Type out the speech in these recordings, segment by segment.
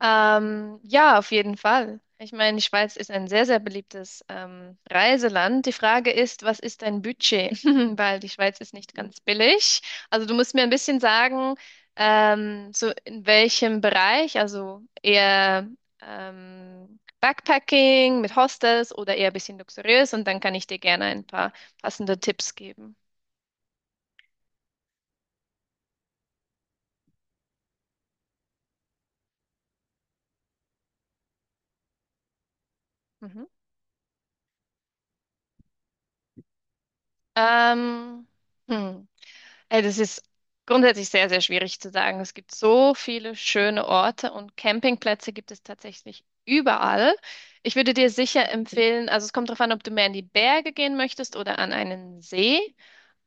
Ja, auf jeden Fall. Ich meine, die Schweiz ist ein sehr, sehr beliebtes Reiseland. Die Frage ist, was ist dein Budget? Weil die Schweiz ist nicht ganz billig. Also du musst mir ein bisschen sagen, so in welchem Bereich, also eher Backpacking mit Hostels oder eher ein bisschen luxuriös und dann kann ich dir gerne ein paar passende Tipps geben. Mhm. Ähm, hm. Das ist grundsätzlich sehr, sehr schwierig zu sagen. Es gibt so viele schöne Orte und Campingplätze gibt es tatsächlich überall. Ich würde dir sicher empfehlen, also es kommt darauf an, ob du mehr in die Berge gehen möchtest oder an einen See.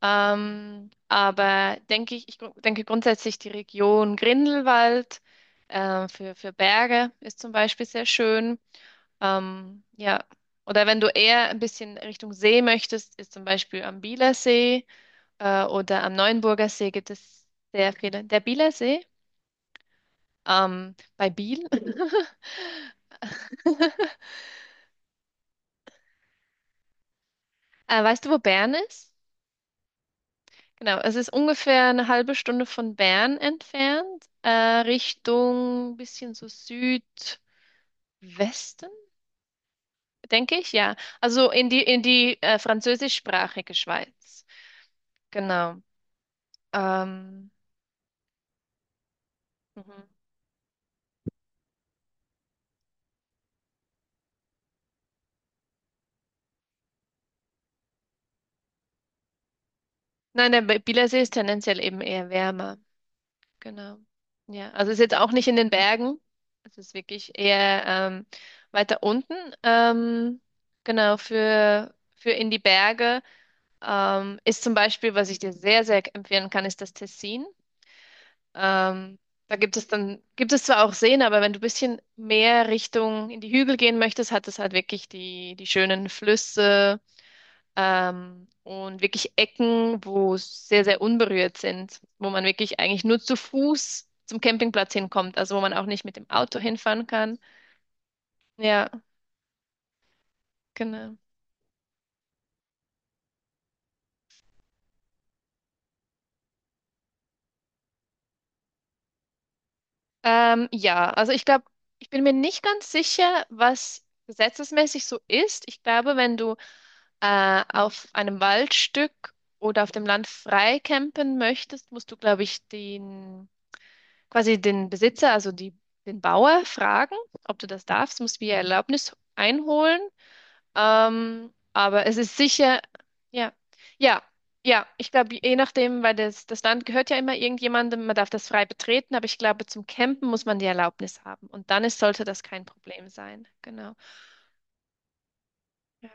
Aber denke ich, denke grundsätzlich die Region Grindelwald für, Berge ist zum Beispiel sehr schön. Ja, oder wenn du eher ein bisschen Richtung See möchtest, ist zum Beispiel am Bielersee. Oder am Neuenburger See gibt es sehr viele. Der Bieler See, bei Biel. Weißt du, wo Bern ist? Genau, es ist ungefähr eine halbe Stunde von Bern entfernt, Richtung bisschen so Südwesten, denke ich, ja. Also in die französischsprachige Schweiz. Genau. Ähm, mhm. Nein, Bielersee ist tendenziell eben eher wärmer. Genau. Ja, also ist jetzt auch nicht in den Bergen. Es ist wirklich eher weiter unten. Ähm, genau, für in die Berge ist zum Beispiel, was ich dir sehr, sehr empfehlen kann, ist das Tessin. Ähm, Da gibt es dann, gibt es zwar auch Seen, aber wenn du ein bisschen mehr Richtung in die Hügel gehen möchtest, hat es halt wirklich die schönen Flüsse und wirklich Ecken, wo es sehr, sehr unberührt sind, wo man wirklich eigentlich nur zu Fuß zum Campingplatz hinkommt, also wo man auch nicht mit dem Auto hinfahren kann. Ja, genau. Ja, also ich glaube, ich bin mir nicht ganz sicher, was gesetzesmäßig so ist. Ich glaube, wenn du auf einem Waldstück oder auf dem Land frei campen möchtest, musst du, glaube ich, den quasi den Besitzer, also die, den Bauer, fragen, ob du das darfst, musst wie Erlaubnis einholen. Aber es ist sicher, ja, ja, ja, ich glaube, je nachdem, weil das Land gehört ja immer irgendjemandem, man darf das frei betreten, aber ich glaube, zum Campen muss man die Erlaubnis haben und dann ist, sollte das kein Problem sein. Genau. Ja.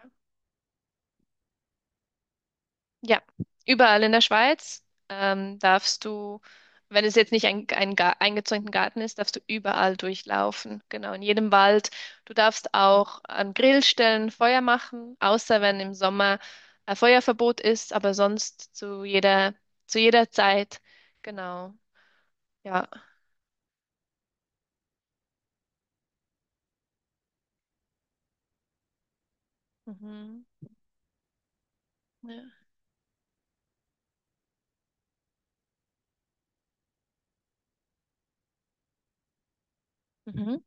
Ja, überall in der Schweiz darfst du, wenn es jetzt nicht ein eingezäunten Garten ist, darfst du überall durchlaufen. Genau, in jedem Wald. Du darfst auch an Grillstellen Feuer machen, außer wenn im Sommer Feuerverbot ist, aber sonst zu jeder Zeit. Genau, ja. Mhm. Ja. Mhm.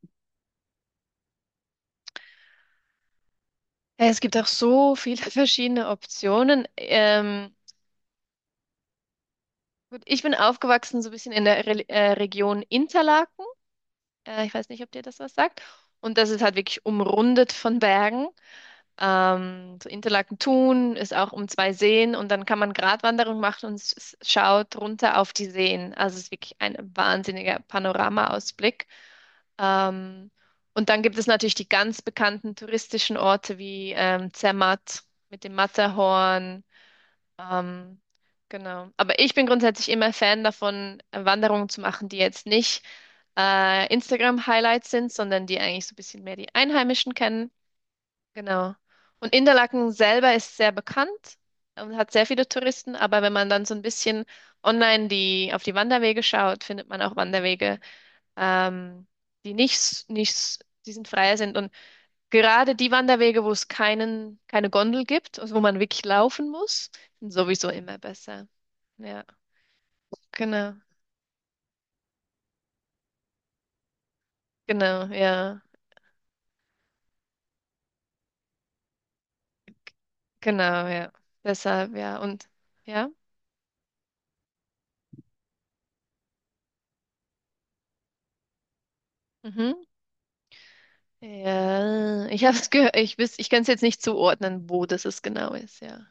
Ja, es gibt auch so viele verschiedene Optionen. Gut, ich bin aufgewachsen so ein bisschen in der Re Region Interlaken. Ich weiß nicht, ob dir das was sagt. Und das ist halt wirklich umrundet von Bergen. So Interlaken-Thun ist auch um zwei Seen und dann kann man Gratwanderung machen und schaut runter auf die Seen. Also es ist wirklich ein wahnsinniger Panoramaausblick. Ähm, und dann gibt es natürlich die ganz bekannten touristischen Orte wie Zermatt mit dem Matterhorn. ähm, genau. Aber ich bin grundsätzlich immer Fan davon, Wanderungen zu machen, die jetzt nicht Instagram-Highlights sind, sondern die eigentlich so ein bisschen mehr die Einheimischen kennen. Genau. Und Interlaken selber ist sehr bekannt und hat sehr viele Touristen, aber wenn man dann so ein bisschen online auf die Wanderwege schaut, findet man auch Wanderwege, ähm, die nicht, s- nicht, s- die sind freier sind. Und gerade die Wanderwege, wo es keinen, keine Gondel gibt, also wo man wirklich laufen muss, sind sowieso immer besser. Ja, genau, genau, ja, genau, ja. Deshalb, ja, und ja, mhm. Ja, ich habe es gehört, ich kann es jetzt nicht zuordnen, wo das es genau ist, ja.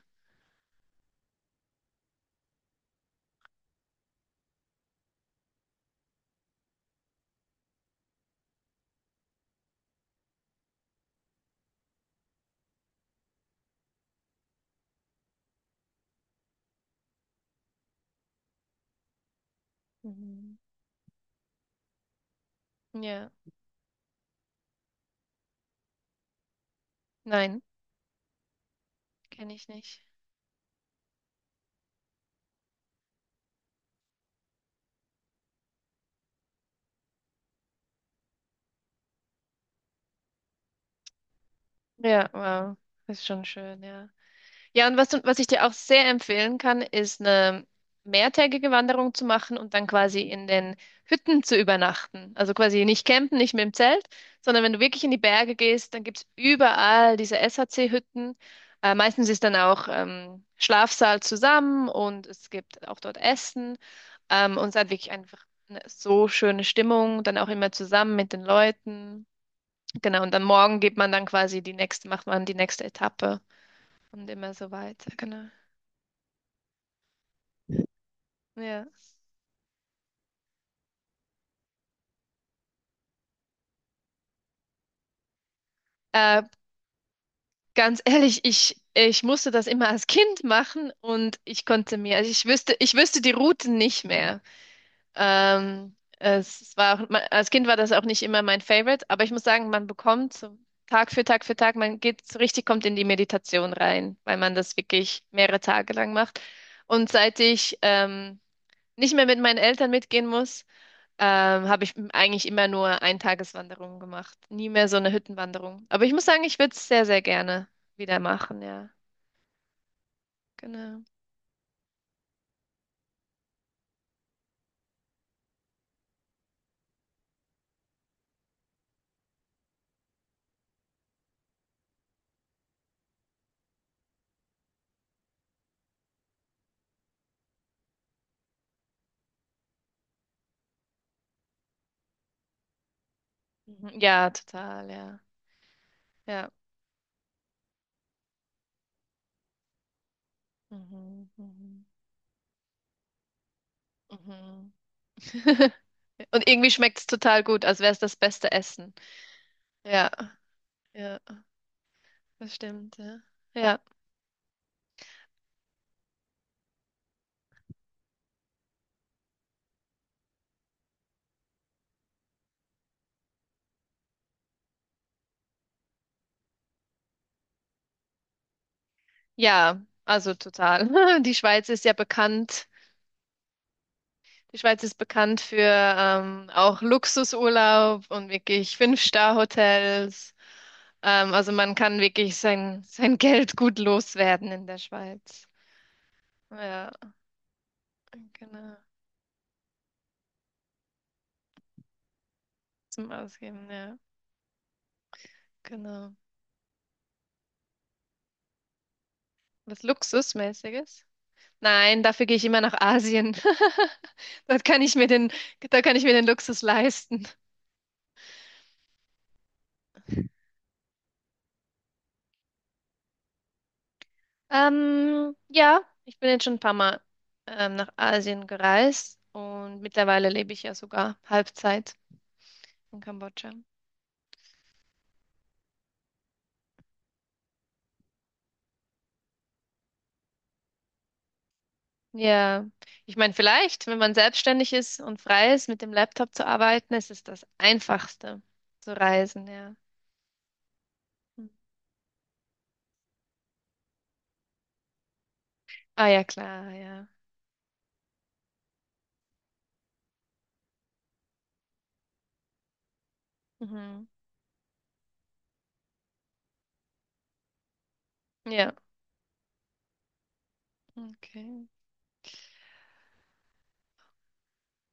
Mhm. Ja, nein, kenne ich nicht. Ja, wow, ist schon schön, ja. Ja, und was ich dir auch sehr empfehlen kann, ist eine mehrtägige Wanderung zu machen und dann quasi in den Hütten zu übernachten. Also quasi nicht campen, nicht mit dem Zelt, sondern wenn du wirklich in die Berge gehst, dann gibt's überall diese SHC-Hütten. Meistens ist dann auch Schlafsaal zusammen und es gibt auch dort Essen. Und es hat wirklich einfach eine so schöne Stimmung, dann auch immer zusammen mit den Leuten. Genau, und dann morgen geht man dann quasi die nächste, macht man die nächste Etappe. Und immer so weiter, genau. Ja. Äh, Ganz ehrlich, ich musste das immer als Kind machen und ich konnte mir, also ich wüsste die Routen nicht mehr. Es war auch, als Kind war das auch nicht immer mein Favorite, aber ich muss sagen, man bekommt so Tag für Tag für Tag, man geht so richtig, kommt in die Meditation rein, weil man das wirklich mehrere Tage lang macht. Und seit ich nicht mehr mit meinen Eltern mitgehen muss, habe ich eigentlich immer nur Eintageswanderungen gemacht. Nie mehr so eine Hüttenwanderung. Aber ich muss sagen, ich würde es sehr, sehr gerne wieder machen, ja. Genau. Mhm. Ja, total, ja. Ja. Mhm, mhm, mhm. Und irgendwie schmeckt es total gut, als wäre es das beste Essen. Ja, ja, das stimmt, ja. Ja, ja, also total. Die Schweiz ist ja bekannt. Die Schweiz ist bekannt für auch Luxusurlaub und wirklich Fünf-Star-Hotels. Also man kann wirklich sein Geld gut loswerden in der Schweiz. Ja, genau. Zum Ausgeben, ja, genau. Was Luxusmäßiges? Nein, dafür gehe ich immer nach Asien. Dort kann ich mir den, Da kann ich mir den Luxus leisten. Ja, ich bin jetzt schon ein paar Mal nach Asien gereist und mittlerweile lebe ich ja sogar Halbzeit in Kambodscha. Ja, ich meine, vielleicht, wenn man selbstständig ist und frei ist, mit dem Laptop zu arbeiten, ist es das Einfachste zu reisen, ja. Hm. Ah ja, klar, ja. Mhm. Ja, okay.